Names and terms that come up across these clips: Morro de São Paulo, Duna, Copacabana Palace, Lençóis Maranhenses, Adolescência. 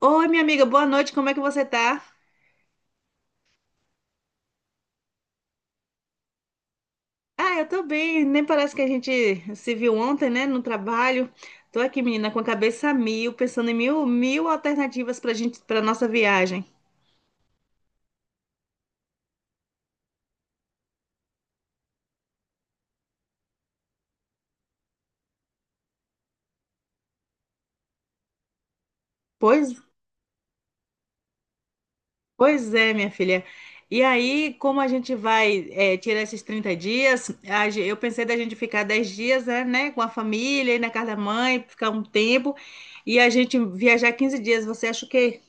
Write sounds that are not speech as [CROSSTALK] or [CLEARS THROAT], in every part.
Oi, minha amiga, boa noite, como é que você tá? Ah, eu tô bem, nem parece que a gente se viu ontem, né, no trabalho. Tô aqui, menina, com a cabeça a mil, pensando em mil alternativas pra gente, pra nossa viagem. Pois, pois é, minha filha. E aí, como a gente vai, tirar esses 30 dias, eu pensei da gente ficar 10 dias, né, com a família, ir na casa da mãe, ficar um tempo, e a gente viajar 15 dias, você acha o quê?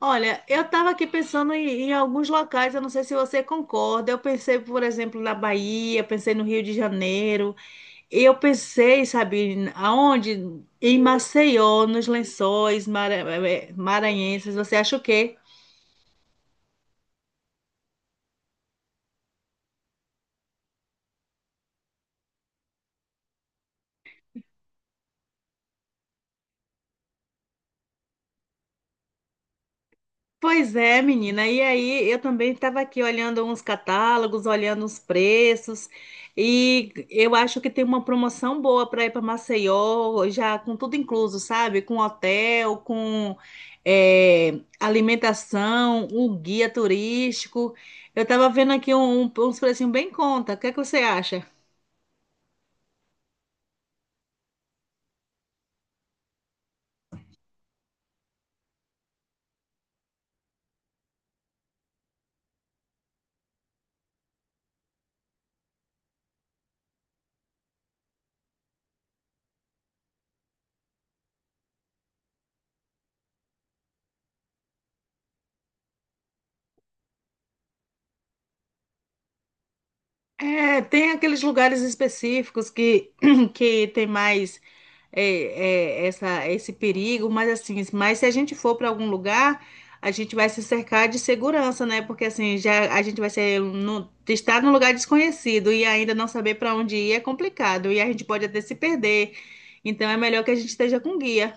Olha, eu estava aqui pensando em alguns locais, eu não sei se você concorda. Eu pensei, por exemplo, na Bahia, pensei no Rio de Janeiro, eu pensei, sabe, aonde? Em Maceió, nos Lençóis Maranhenses. Você acha o quê? Pois é, menina. E aí, eu também estava aqui olhando uns catálogos, olhando os preços, e eu acho que tem uma promoção boa para ir para Maceió, já com tudo incluso, sabe? Com hotel, com alimentação, o guia turístico. Eu estava vendo aqui uns precinhos bem em conta. O que é que você acha? É, tem aqueles lugares específicos que, [CLEARS THROAT] que tem mais é, essa, esse perigo, mas assim, mas se a gente for para algum lugar, a gente vai se cercar de segurança, né? Porque assim, já a gente vai ser no, estar num lugar desconhecido e ainda não saber para onde ir é complicado e a gente pode até se perder. Então é melhor que a gente esteja com guia.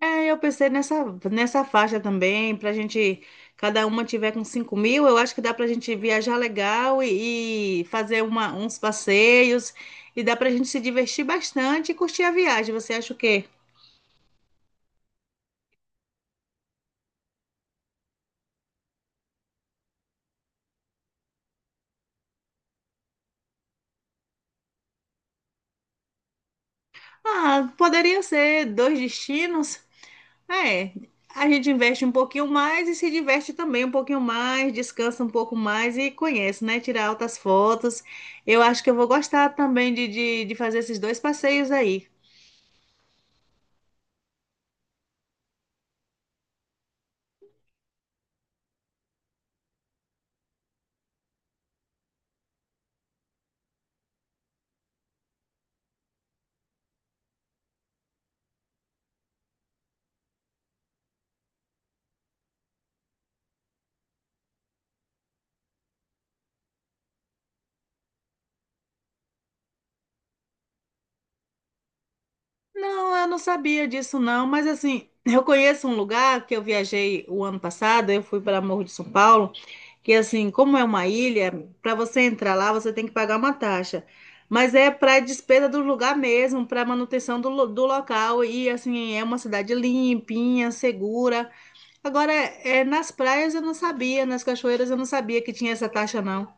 É, eu pensei nessa faixa também, pra gente, cada uma tiver com 5 mil, eu acho que dá pra gente viajar legal e fazer uns passeios, e dá pra gente se divertir bastante e curtir a viagem. Você acha o quê? Ah, poderia ser dois destinos. É, a gente investe um pouquinho mais e se diverte também um pouquinho mais, descansa um pouco mais e conhece, né? Tirar altas fotos. Eu acho que eu vou gostar também de fazer esses dois passeios aí. Não, eu não sabia disso não, mas assim, eu conheço um lugar que eu viajei o ano passado, eu fui para Morro de São Paulo, que assim, como é uma ilha, para você entrar lá, você tem que pagar uma taxa. Mas é para despesa do lugar mesmo, para manutenção do local e assim, é uma cidade limpinha, segura. Agora, é, nas praias eu não sabia, nas cachoeiras eu não sabia que tinha essa taxa não.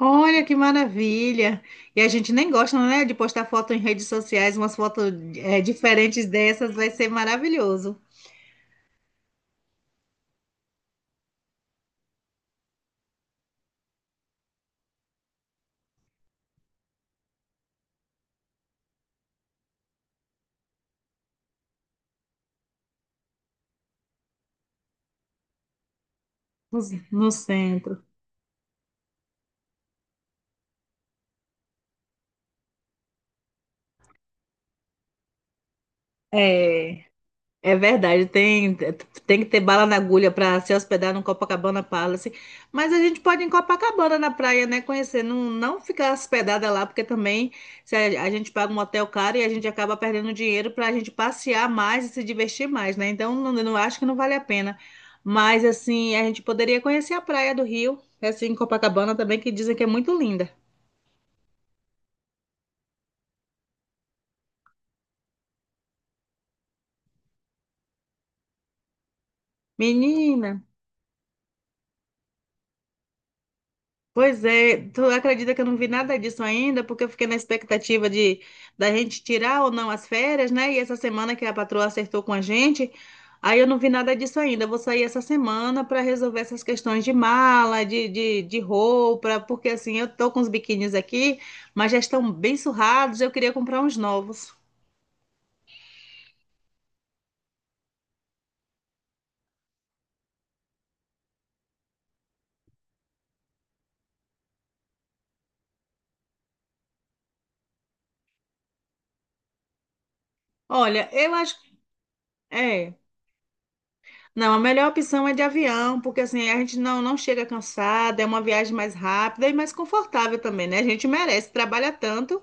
Olha que maravilha! E a gente nem gosta, né, de postar foto em redes sociais, umas fotos diferentes dessas, vai ser maravilhoso no, no centro. É. É verdade, tem que ter bala na agulha para se hospedar no Copacabana Palace. Mas a gente pode ir em Copacabana na praia, né? Conhecer, não ficar hospedada lá, porque também se a gente paga um hotel caro e a gente acaba perdendo dinheiro para a gente passear mais e se divertir mais, né? Então, não acho que não vale a pena. Mas, assim, a gente poderia conhecer a praia do Rio, assim, em Copacabana também, que dizem que é muito linda. Menina. Pois é, tu acredita que eu não vi nada disso ainda, porque eu fiquei na expectativa de da gente tirar ou não as férias, né? E essa semana que a patroa acertou com a gente, aí eu não vi nada disso ainda. Eu vou sair essa semana para resolver essas questões de mala, de roupa, porque assim, eu tô com os biquínis aqui, mas já estão bem surrados, eu queria comprar uns novos. Olha, eu acho, é, Não, a melhor opção é de avião, porque assim a gente não chega cansada, é uma viagem mais rápida e mais confortável também, né? A gente merece, trabalha tanto.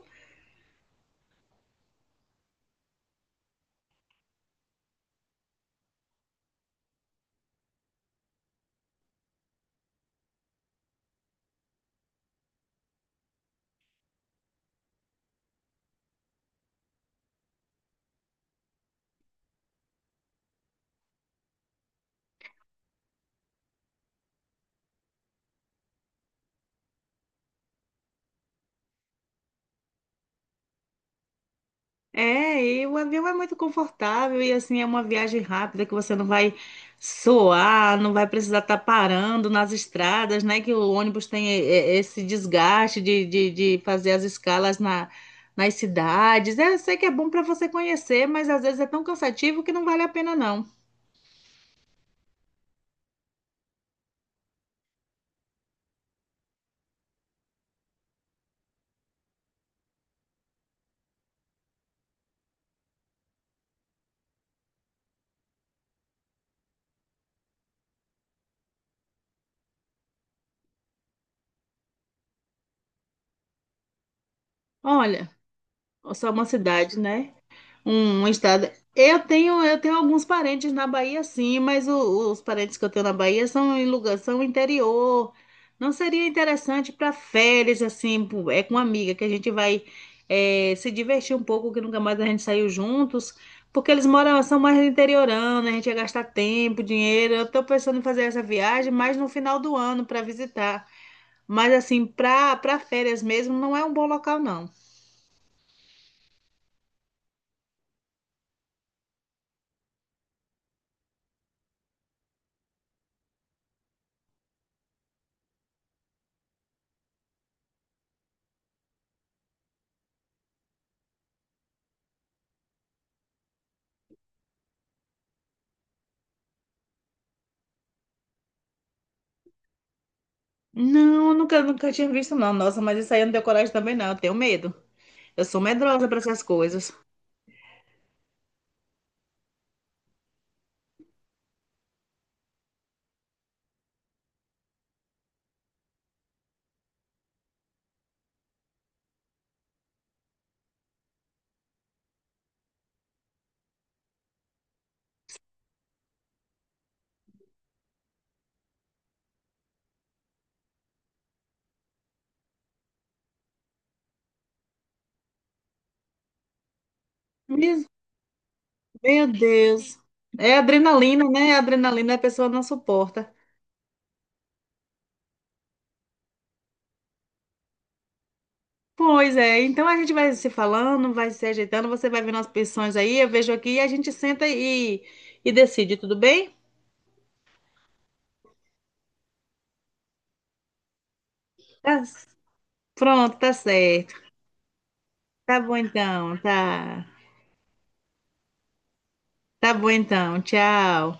É, e o avião é muito confortável e assim é uma viagem rápida que você não vai suar, não vai precisar estar parando nas estradas, né? Que o ônibus tem esse desgaste de fazer as escalas nas cidades. É, eu sei que é bom para você conhecer, mas às vezes é tão cansativo que não vale a pena, não. Olha, só uma cidade, né? Um estado. Eu tenho alguns parentes na Bahia, sim, mas os parentes que eu tenho na Bahia são em lugar, são interior. Não seria interessante para férias, assim, é com uma amiga que a gente vai se divertir um pouco, que nunca mais a gente saiu juntos, porque eles moram, são mais interiorando, a gente ia gastar tempo, dinheiro. Eu tô pensando em fazer essa viagem mais no final do ano para visitar. Mas assim, para para férias mesmo, não é um bom local, não. Não, nunca tinha visto, não. Nossa, mas isso aí eu não tenho coragem também, não. Eu tenho medo. Eu sou medrosa para essas coisas. Meu Meu Deus. É adrenalina, né? A Adrenalina a pessoa não suporta. Pois é, então a gente vai se falando, vai se ajeitando, você vai vendo as pensões aí, eu vejo aqui e a gente senta e decide, tudo bem? Tá, pronto, tá certo. Tá bom então, tá. Tá bom então, tchau.